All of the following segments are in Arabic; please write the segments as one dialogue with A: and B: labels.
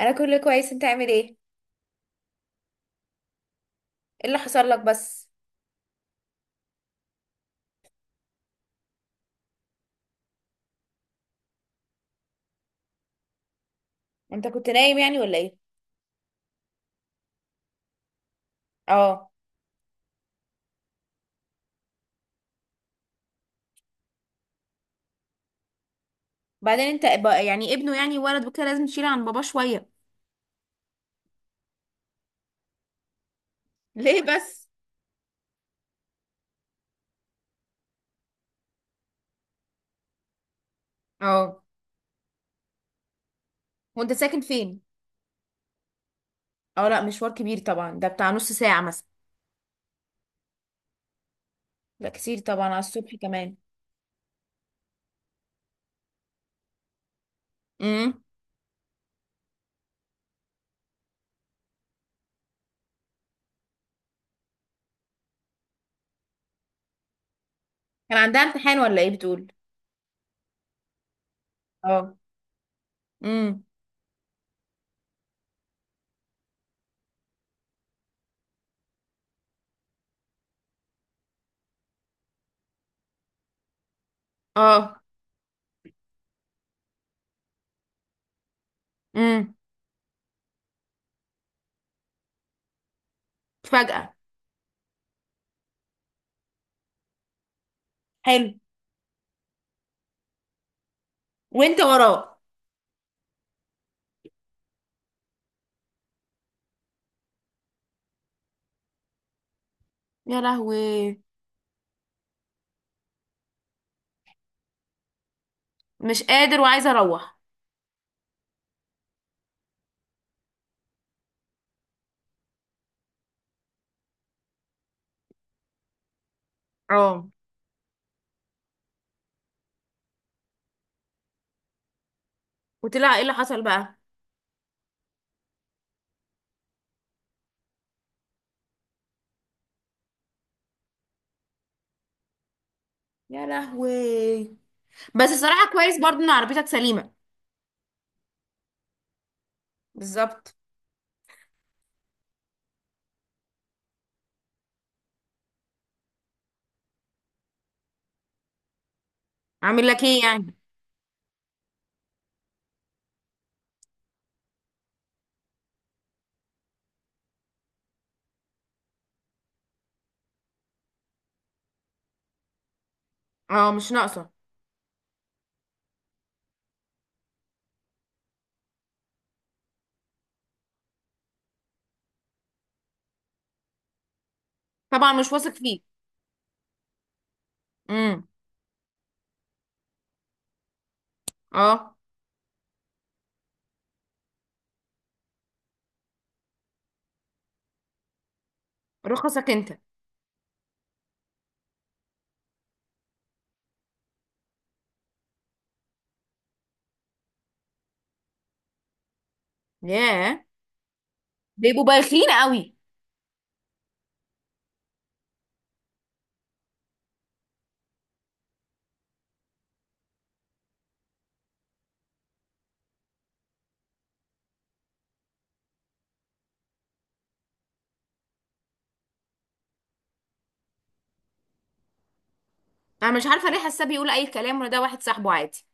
A: انا كله كويس، انت عامل ايه؟ اللي حصل لك بس؟ انت كنت نايم يعني ولا ايه؟ اه. بعدين انت يعني ابنه يعني ولد وكده لازم تشيل عن باباه شويه. ليه بس؟ اه. وانت ساكن فين؟ اه، لا مشوار كبير طبعا، ده بتاع نص ساعة مثلا. لا كتير طبعا على الصبح كمان. امم. كان عندها امتحان ولا ايه بتقول؟ اه. امم. اه. امم. فجأة؟ حلو. وانت وراه؟ يا لهوي! مش قادر وعايزه اروح. اه. وطلع ايه اللي حصل بقى؟ يا لهوي! بس الصراحة كويس برضو ان عربيتك سليمة. بالظبط. عامل لك ايه يعني؟ اه. مش ناقصة. طبعا مش واثق فيه. امم. اه. رخصك انت؟ ياه. بيبقوا بايخين قوي. انا مش عارفة ليه، حاسة بيقول اي كلام، ولا ده واحد صاحبه عادي.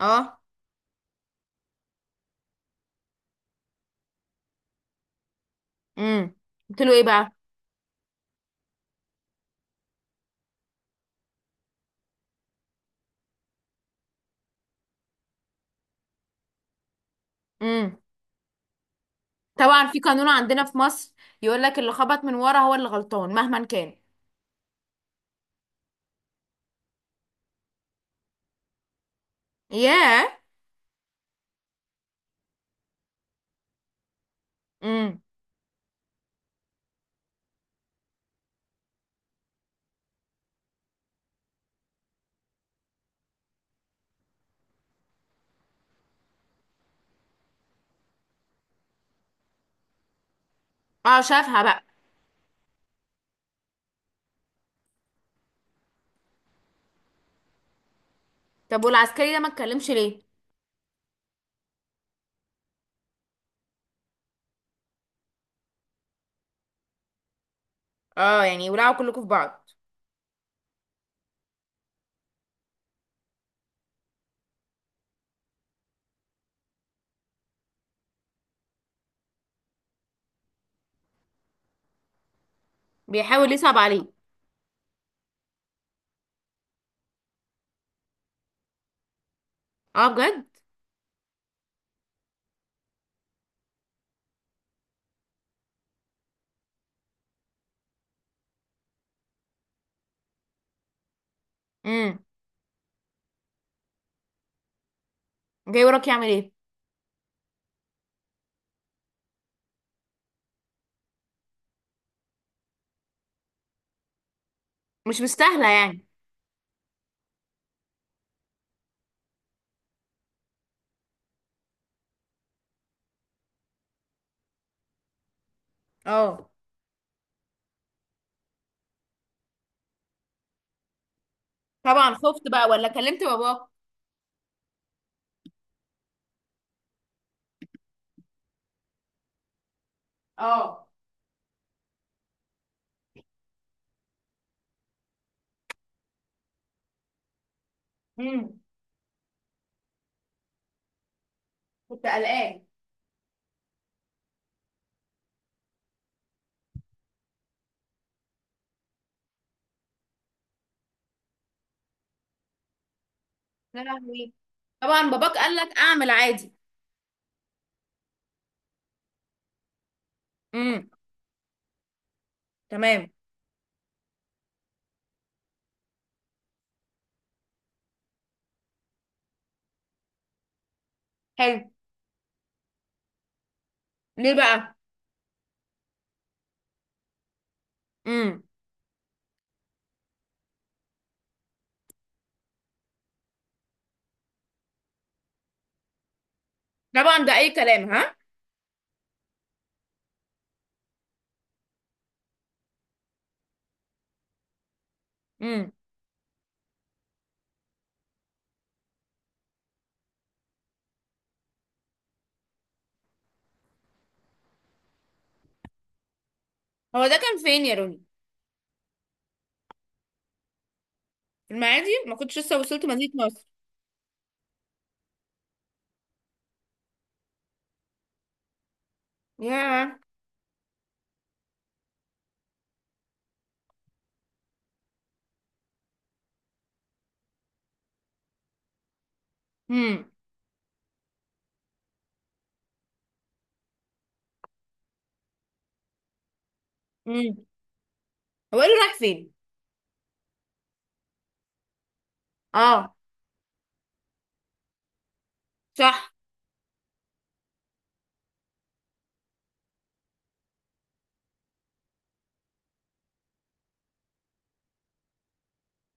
A: اه. امم. قلت له ايه بقى؟ امم. طبعا، في قانون عندنا في مصر، يقول لك اللي خبط من ورا هو اللي غلطان مهما كان. ياه. امم. اه شافها بقى. طب والعسكري ده ما اتكلمش ليه؟ اه يعني ولعوا كلكم في بعض. بيحاول يصعب عليه. اه بجد. امم. جاي وراك يعمل ايه؟ مش مستاهله يعني. اه. طبعا خفت بقى ولا كلمت باباك؟ اه. امم. كنت قلقان. يا لهوي. طبعا باباك قال لك اعمل عادي. امم. تمام. حلو. ليه بقى؟ امم. طبعا ده اي كلام ها. امم. هو ده كان فين يا روني؟ في المعادي؟ ما كنتش لسه وصلت مدينة نصر. ياه. امم. امم. هو قال له رايح فين؟ اه. صح.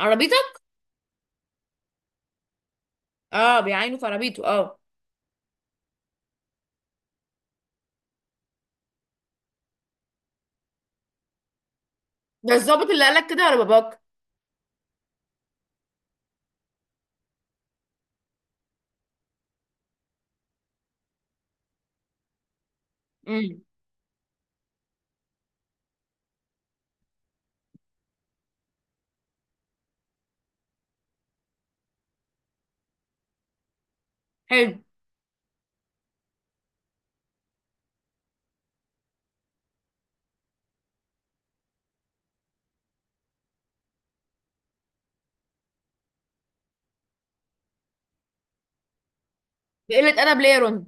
A: عربيتك؟ اه بيعاينوا في عربيته اه. ده الظابط اللي قال لك كده ولا باباك؟ امم. حلو. بقلة أدب ليه يا رون؟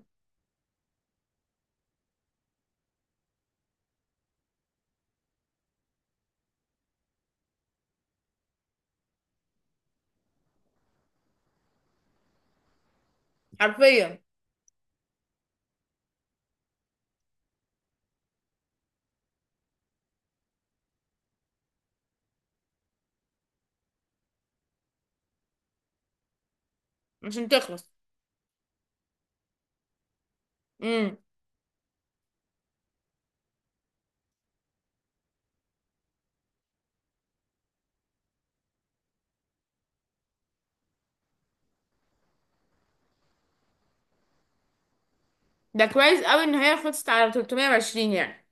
A: حرفيا. عشان تخلص. امم. ده كويس قوي إن هي خلصت على 320 يعني.